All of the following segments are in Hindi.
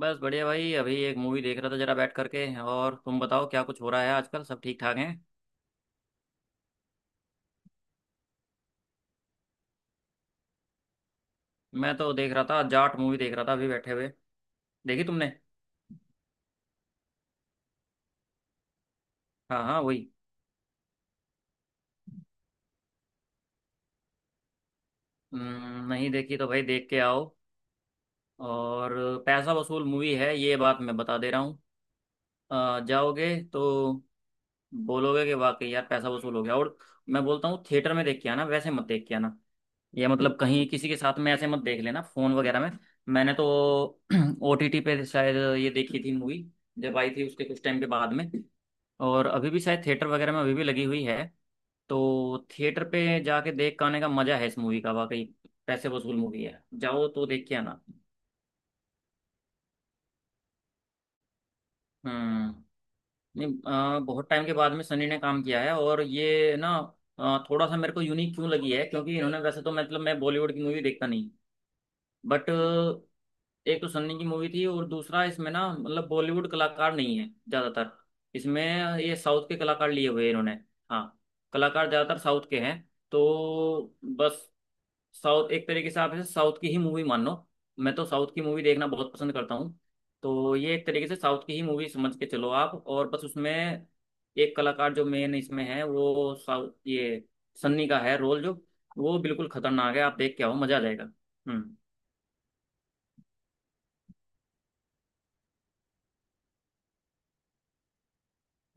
बस बढ़िया भाई। अभी एक मूवी देख रहा था जरा बैठ करके। और तुम बताओ क्या कुछ हो रहा है आजकल। सब ठीक ठाक हैं। मैं तो देख रहा था जाट मूवी देख रहा था अभी बैठे हुए। देखी तुमने? हाँ हाँ वही। नहीं देखी तो भाई देख के आओ। और पैसा वसूल मूवी है ये बात मैं बता दे रहा हूँ। जाओगे तो बोलोगे कि वाकई यार पैसा वसूल हो गया। और मैं बोलता हूँ थिएटर में देख के आना वैसे मत देख के आना। ये मतलब कहीं किसी के साथ में ऐसे मत देख लेना फोन वगैरह में। मैंने तो ओटीटी पे शायद ये देखी थी मूवी जब आई थी उसके कुछ टाइम के बाद में। और अभी भी शायद थिएटर वगैरह में अभी भी लगी हुई है। तो थिएटर पे जाके देख के आने का मजा है इस मूवी का वाकई। पैसे वसूल मूवी है जाओ तो देख के आना। हम्म। नहीं। बहुत टाइम के बाद में सनी ने काम किया है और ये ना थोड़ा सा मेरे को यूनिक क्यों लगी है क्योंकि इन्होंने वैसे तो मतलब मैं बॉलीवुड की मूवी देखता नहीं। बट एक तो सन्नी की मूवी थी और दूसरा इसमें ना मतलब बॉलीवुड कलाकार नहीं है ज्यादातर इसमें। ये साउथ के कलाकार लिए हुए हैं इन्होंने। हाँ। कलाकार ज्यादातर साउथ के हैं। तो बस साउथ एक तरीके से आप इसे साउथ की ही मूवी मान लो। मैं तो साउथ की मूवी देखना बहुत पसंद करता हूँ। तो ये एक तरीके से साउथ की ही मूवी समझ के चलो आप। और बस उसमें एक कलाकार जो मेन इसमें है वो साउथ ये सन्नी का है रोल जो वो बिल्कुल खतरनाक है। आप देख के आओ मजा आ जाएगा। हम्म।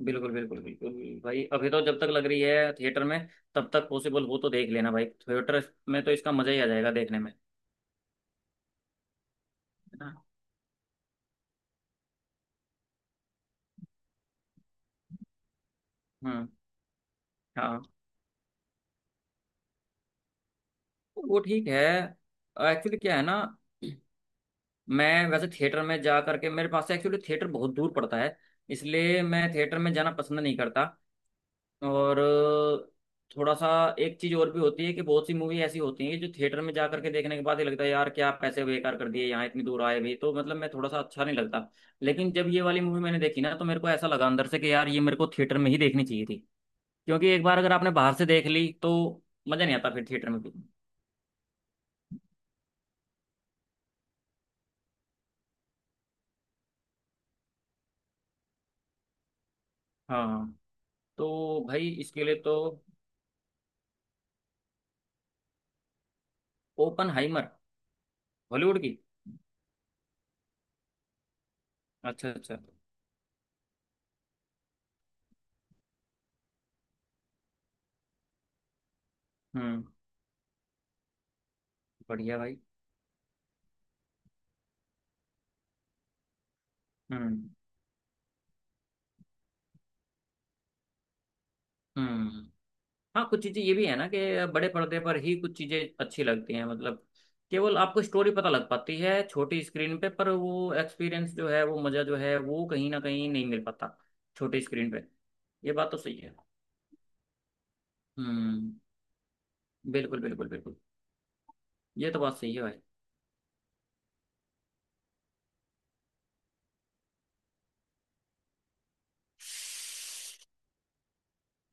बिल्कुल बिल्कुल बिल्कुल। भाई अभी तो जब तक लग रही है थिएटर में तब तक पॉसिबल हो तो देख लेना भाई। थिएटर में तो इसका मजा ही आ जाएगा देखने में। है ना। हम्म। हाँ। वो ठीक है। एक्चुअली क्या है ना मैं वैसे थिएटर में जा करके मेरे पास से एक्चुअली थिएटर बहुत दूर पड़ता है इसलिए मैं थिएटर में जाना पसंद नहीं करता। और थोड़ा सा एक चीज और भी होती है कि बहुत सी मूवी ऐसी होती हैं कि जो थिएटर में जा करके देखने के बाद ही लगता है यार क्या आप पैसे बेकार कर दिए यहाँ इतनी दूर आए भी तो मतलब मैं थोड़ा सा अच्छा नहीं लगता। लेकिन जब ये वाली मूवी मैंने देखी ना तो मेरे को ऐसा लगा अंदर से कि यार ये मेरे को थिएटर में ही देखनी चाहिए थी। क्योंकि एक बार अगर आपने बाहर से देख ली तो मजा नहीं आता फिर थिएटर में भी। हाँ। तो भाई इसके लिए तो ओपन हाइमर हॉलीवुड की। अच्छा अच्छा। हम्म। बढ़िया भाई। हम्म हम्म। हाँ कुछ चीजें ये भी है ना कि बड़े पर्दे पर ही कुछ चीजें अच्छी लगती हैं मतलब केवल आपको स्टोरी पता लग पाती है छोटी स्क्रीन पे पर वो एक्सपीरियंस जो है वो मजा जो है वो कहीं ना कहीं नहीं मिल पाता छोटी स्क्रीन पे। ये बात तो सही है। हम्म। बिल्कुल बिल्कुल बिल्कुल। ये तो बात सही है भाई।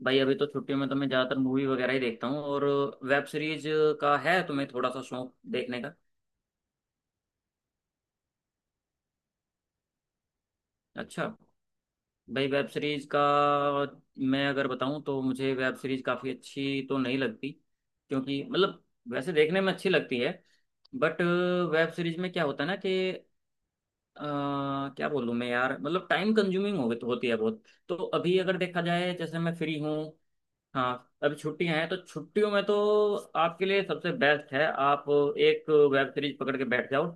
भाई अभी तो छुट्टियों में तो मैं ज्यादातर मूवी वगैरह ही देखता हूँ। और वेब सीरीज का है तुम्हें थोड़ा सा शौक देखने का? अच्छा। भाई वेब सीरीज का मैं अगर बताऊं तो मुझे वेब सीरीज काफ़ी अच्छी तो नहीं लगती। क्योंकि मतलब वैसे देखने में अच्छी लगती है बट वेब सीरीज में क्या होता है ना कि अ, क्या बोलूं मैं यार मतलब टाइम कंज्यूमिंग हो होती है बहुत। तो अभी अगर देखा जाए जैसे मैं फ्री हूँ। हाँ अभी छुट्टियां हैं तो छुट्टियों में तो आपके लिए सबसे बेस्ट है आप एक वेब सीरीज पकड़ के बैठ जाओ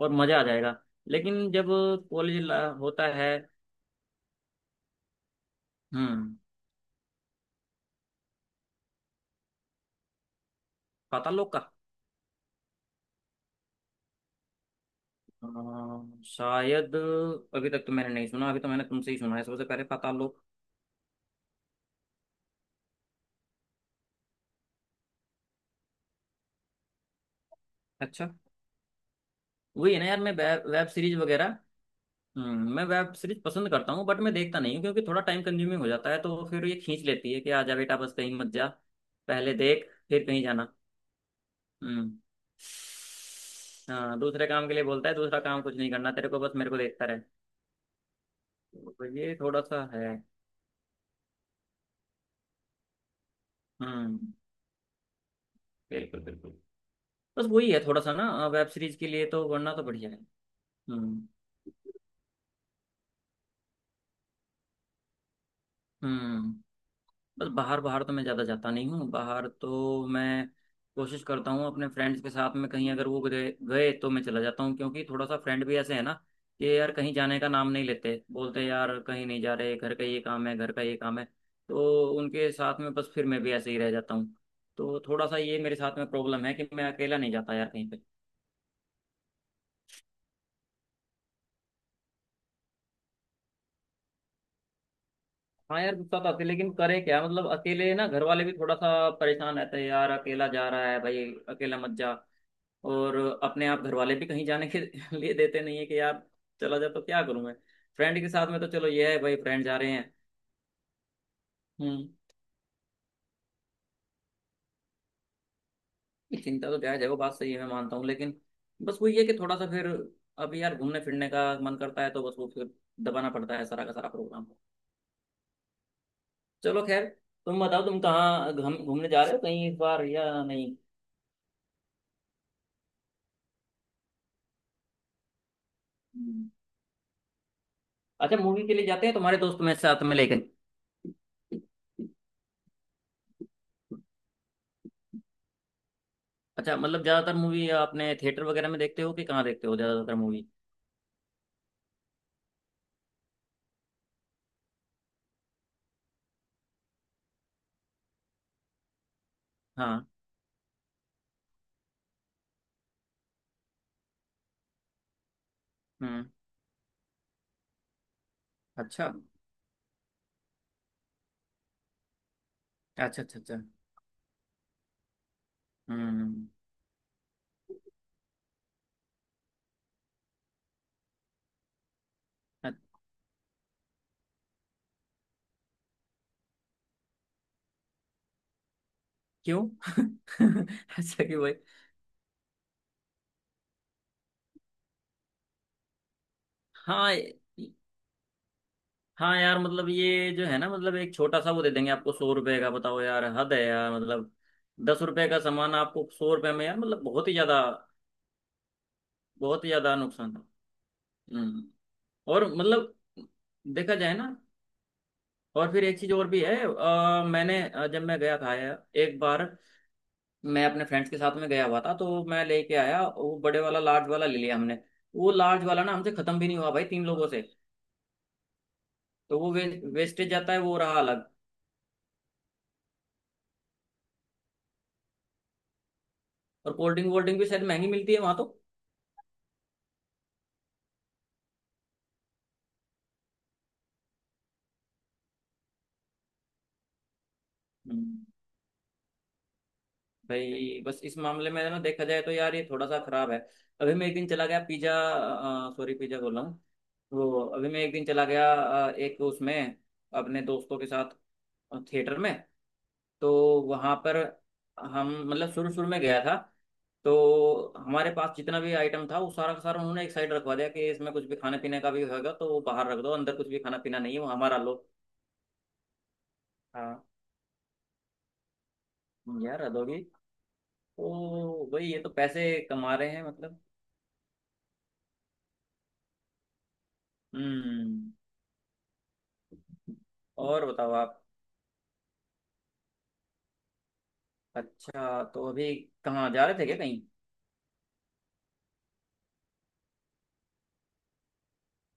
और मज़ा आ जाएगा। लेकिन जब कॉलेज होता है। हम्म। पाताल लोक का शायद अभी तक तो मैंने नहीं सुना। अभी तो मैंने तुमसे ही सुना है सबसे पहले पाताल लोक। अच्छा। वही है ना यार मैं वेब सीरीज वगैरह। मैं वेब सीरीज पसंद करता हूँ बट मैं देखता नहीं हूँ क्योंकि थोड़ा टाइम कंज्यूमिंग हो जाता है तो फिर ये खींच लेती है कि आजा बेटा बस कहीं मत जा पहले देख फिर कहीं जाना। हम्म। हाँ दूसरे काम के लिए बोलता है दूसरा काम कुछ नहीं करना तेरे को बस मेरे को देखता रहे। तो ये थोड़ा सा है। हम्म। बिल्कुल बिल्कुल। बस वही है थोड़ा सा ना वेब सीरीज के लिए तो वरना तो बढ़िया है। हम्म। हम्म। बस बाहर बाहर तो मैं ज़्यादा जाता नहीं हूँ। बाहर तो मैं कोशिश करता हूँ अपने फ्रेंड्स के साथ में कहीं अगर वो गए गए तो मैं चला जाता हूँ। क्योंकि थोड़ा सा फ्रेंड भी ऐसे है ना कि यार कहीं जाने का नाम नहीं लेते, बोलते हैं, यार कहीं नहीं जा रहे घर का ये काम है घर का ये काम है। तो उनके साथ में बस फिर मैं भी ऐसे ही रह जाता हूँ। तो थोड़ा सा ये मेरे साथ में प्रॉब्लम है कि मैं अकेला नहीं जाता यार कहीं पे। हाँ यार गुस्सा तो आते लेकिन करे क्या मतलब अकेले ना घर वाले भी थोड़ा सा परेशान रहते हैं, यार अकेला जा रहा है भाई अकेला मत जा। और अपने आप घर वाले भी कहीं जाने के लिए देते नहीं है कि यार चला जा तो क्या करूं मैं। फ्रेंड के साथ में तो चलो ये है भाई फ्रेंड जा रहे हैं। हम्म। चिंता तो जायज है वो बात सही है मैं मानता हूँ लेकिन बस वही है कि थोड़ा सा फिर अभी यार घूमने फिरने का मन करता है तो बस वो फिर दबाना पड़ता है सारा का सारा प्रोग्राम। चलो खैर तुम बताओ तुम कहाँ घूमने जा रहे हो कहीं इस बार या नहीं? हम्म। अच्छा मूवी के लिए जाते हैं तुम्हारे दोस्त में साथ में लेकिन? अच्छा मतलब ज्यादातर मूवी आपने थिएटर वगैरह में देखते हो कि कहाँ देखते हो ज्यादातर मूवी? हाँ। हम्म। अच्छा अच्छा अच्छा अच्छा। हम्म। अ- क्यों अच्छा क्यों भाई? हाँ हाँ यार मतलब ये जो है ना मतलब एक छोटा सा वो दे देंगे आपको 100 रुपए का बताओ यार हद है यार मतलब 10 रुपए का सामान आपको 100 रुपए में यार मतलब बहुत ही ज्यादा। बहुत ही ज्यादा नुकसान है। हम्म। और मतलब देखा जाए ना। और फिर एक चीज और भी है मैंने जब मैं गया था यार एक बार मैं अपने फ्रेंड्स के साथ में गया हुआ था तो मैं लेके आया वो बड़े वाला लार्ज वाला ले लिया हमने। वो लार्ज वाला ना हमसे खत्म भी नहीं हुआ भाई 3 लोगों से। तो वो वेस्टेज जाता है वो रहा अलग। और कोल्ड ड्रिंक वोल्ड ड्रिंक भी शायद महंगी मिलती है वहां तो। हम्म, भाई बस इस मामले में ना देखा जाए तो यार ये थोड़ा सा खराब है। अभी मैं एक दिन चला गया पिज्जा सॉरी पिज्जा बोल रहा हूँ। वो अभी मैं एक दिन चला गया एक उसमें अपने दोस्तों के साथ थिएटर में तो वहाँ पर हम मतलब शुरू शुरू में गया था तो हमारे पास जितना भी आइटम था वो सारा का सारा उन्होंने एक साइड रखवा दिया कि इसमें कुछ भी खाने पीने का भी होगा तो वो बाहर रख दो अंदर कुछ भी खाना पीना नहीं है वो हमारा लो। हाँ यार अधोगी। तो भाई ये तो पैसे कमा रहे हैं मतलब। हम्म। और बताओ आप। अच्छा तो अभी कहाँ जा रहे थे क्या कहीं?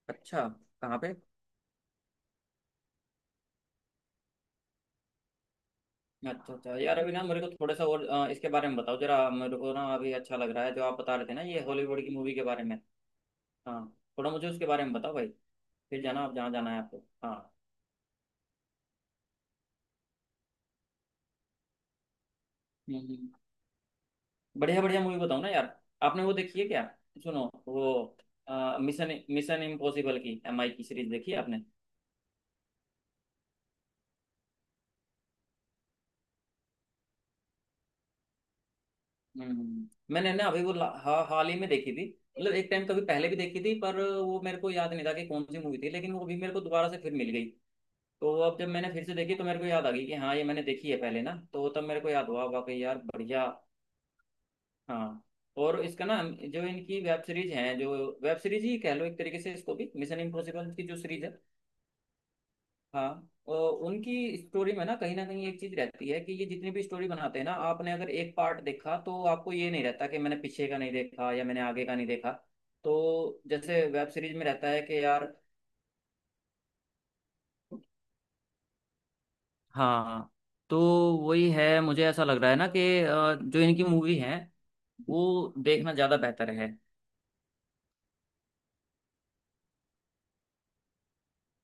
अच्छा कहाँ पे? अच्छा अच्छा यार अभी ना मेरे को थोड़ा सा और इसके बारे में बताओ जरा मेरे को ना अभी अच्छा लग रहा है जो आप बता रहे थे ना ये हॉलीवुड की मूवी के बारे में। हाँ। थोड़ा मुझे उसके बारे में बताओ भाई फिर जाना आप जहाँ जाना है आपको। हाँ। हम्म हम्म। बढ़िया बढ़िया मूवी बताओ ना यार। आपने वो देखी है क्या? सुनो वो मिशन मिशन इम्पॉसिबल की MI की सीरीज देखी है आपने? हम्म। मैंने ना अभी वो हाल ही में देखी थी। मतलब एक टाइम कभी पहले भी देखी थी पर वो मेरे को याद नहीं था कि कौन सी मूवी थी लेकिन वो अभी मेरे को दोबारा से फिर मिल गई। तो अब जब मैंने फिर से देखी तो मेरे को याद आ गई कि हाँ ये मैंने देखी है पहले ना तो तब मेरे को याद हुआ वाकई यार बढ़िया। हाँ। और इसका ना जो इनकी वेब सीरीज है जो वेब सीरीज ही कह लो एक तरीके से इसको भी मिशन इम्पॉसिबल की जो सीरीज है। हाँ। और उनकी स्टोरी में ना कहीं एक चीज रहती है कि ये जितनी भी स्टोरी बनाते हैं ना आपने अगर एक पार्ट देखा तो आपको ये नहीं रहता कि मैंने पीछे का नहीं देखा या मैंने आगे का नहीं देखा। तो जैसे वेब सीरीज में रहता है कि यार हाँ। तो वही है मुझे ऐसा लग रहा है ना कि जो इनकी मूवी है वो देखना ज्यादा बेहतर है।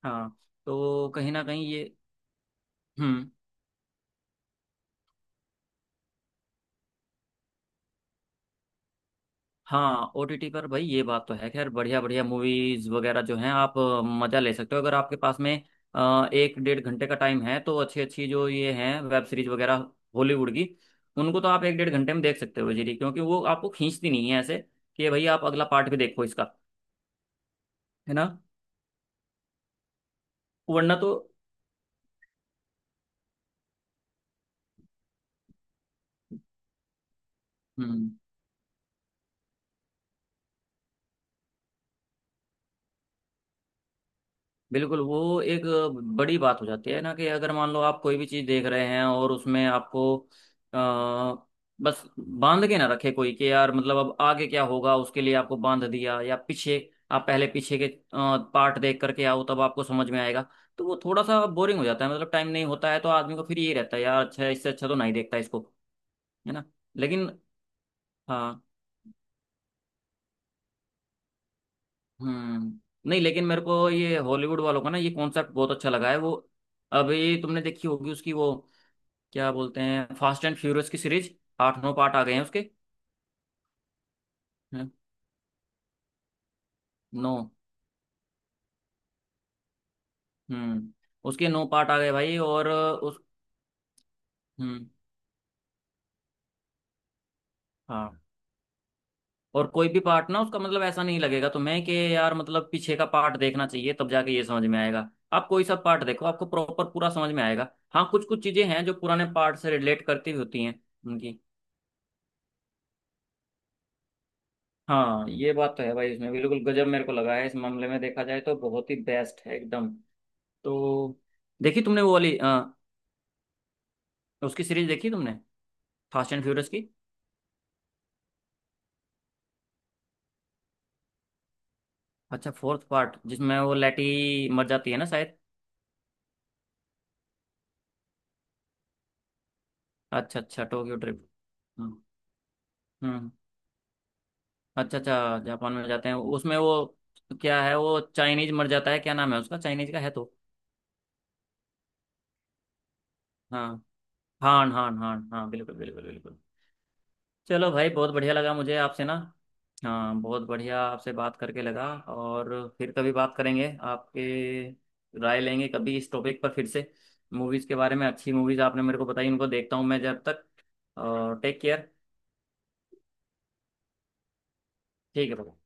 हाँ। तो कहीं ना कहीं ये हम्म। हाँ ओटीटी पर भाई ये बात तो है। खैर बढ़िया बढ़िया मूवीज वगैरह जो हैं आप मजा ले सकते हो अगर आपके पास में एक डेढ़ घंटे का टाइम है तो अच्छी अच्छी जो ये हैं वेब सीरीज वगैरह हॉलीवुड की उनको तो आप एक डेढ़ घंटे में देख सकते हो जी क्योंकि वो आपको खींचती नहीं है ऐसे कि भाई आप अगला पार्ट भी देखो इसका। है ना। वरना तो हम्म। बिल्कुल वो एक बड़ी बात हो जाती है ना कि अगर मान लो आप कोई भी चीज़ देख रहे हैं और उसमें आपको आ, बस बांध के ना रखे कोई कि यार मतलब अब आगे क्या होगा उसके लिए आपको बांध दिया या पीछे आप पहले पीछे के पार्ट देख करके आओ तब आपको समझ में आएगा। तो वो थोड़ा सा बोरिंग हो जाता है मतलब टाइम नहीं होता है तो आदमी को फिर यही रहता है यार अच्छा इससे अच्छा तो नहीं देखता इसको। है ना। लेकिन हाँ। हम्म। नहीं लेकिन मेरे को ये हॉलीवुड वालों का ना ये कॉन्सेप्ट बहुत अच्छा लगा है वो। अभी तुमने देखी होगी उसकी वो क्या बोलते हैं फास्ट एंड फ्यूरियस की सीरीज? आठ 9 पार्ट आ गए हैं उसके। हम्म, नौ। हम्म। उसके 9 पार्ट आ गए भाई। और उस हम्म। हाँ। और कोई भी पार्ट ना उसका मतलब ऐसा नहीं लगेगा तुम्हें कि यार मतलब पीछे का पार्ट देखना चाहिए तब जाके ये समझ में आएगा आप कोई सा पार्ट देखो आपको प्रॉपर पूरा समझ में आएगा। हाँ कुछ कुछ चीजें हैं जो पुराने पार्ट से रिलेट करती हुई होती हैं उनकी। हाँ ये बात तो है भाई इसमें बिल्कुल गजब मेरे को लगा है। इस मामले में देखा जाए तो बहुत ही बेस्ट है एकदम। तो देखी तुमने वो वाली उसकी सीरीज देखी तुमने? फास्ट एंड फ्यूरियस की। अच्छा फोर्थ पार्ट जिसमें वो लेटी मर जाती है ना शायद। अच्छा अच्छा टोक्यो ट्रिप। हाँ। हम्म। अच्छा अच्छा जापान में जाते हैं उसमें वो क्या है वो चाइनीज मर जाता है क्या नाम है उसका चाइनीज का है तो। हाँ। हान हान हान हाँ बिल्कुल बिल्कुल बिल्कुल। चलो भाई बहुत बढ़िया लगा मुझे आपसे ना। हाँ बहुत बढ़िया आपसे बात करके लगा और फिर कभी बात करेंगे आपके। राय लेंगे कभी इस टॉपिक पर फिर से। मूवीज़ के बारे में अच्छी मूवीज़ आपने मेरे को बताई उनको देखता हूँ मैं जब तक। और टेक केयर। ठीक है भाई।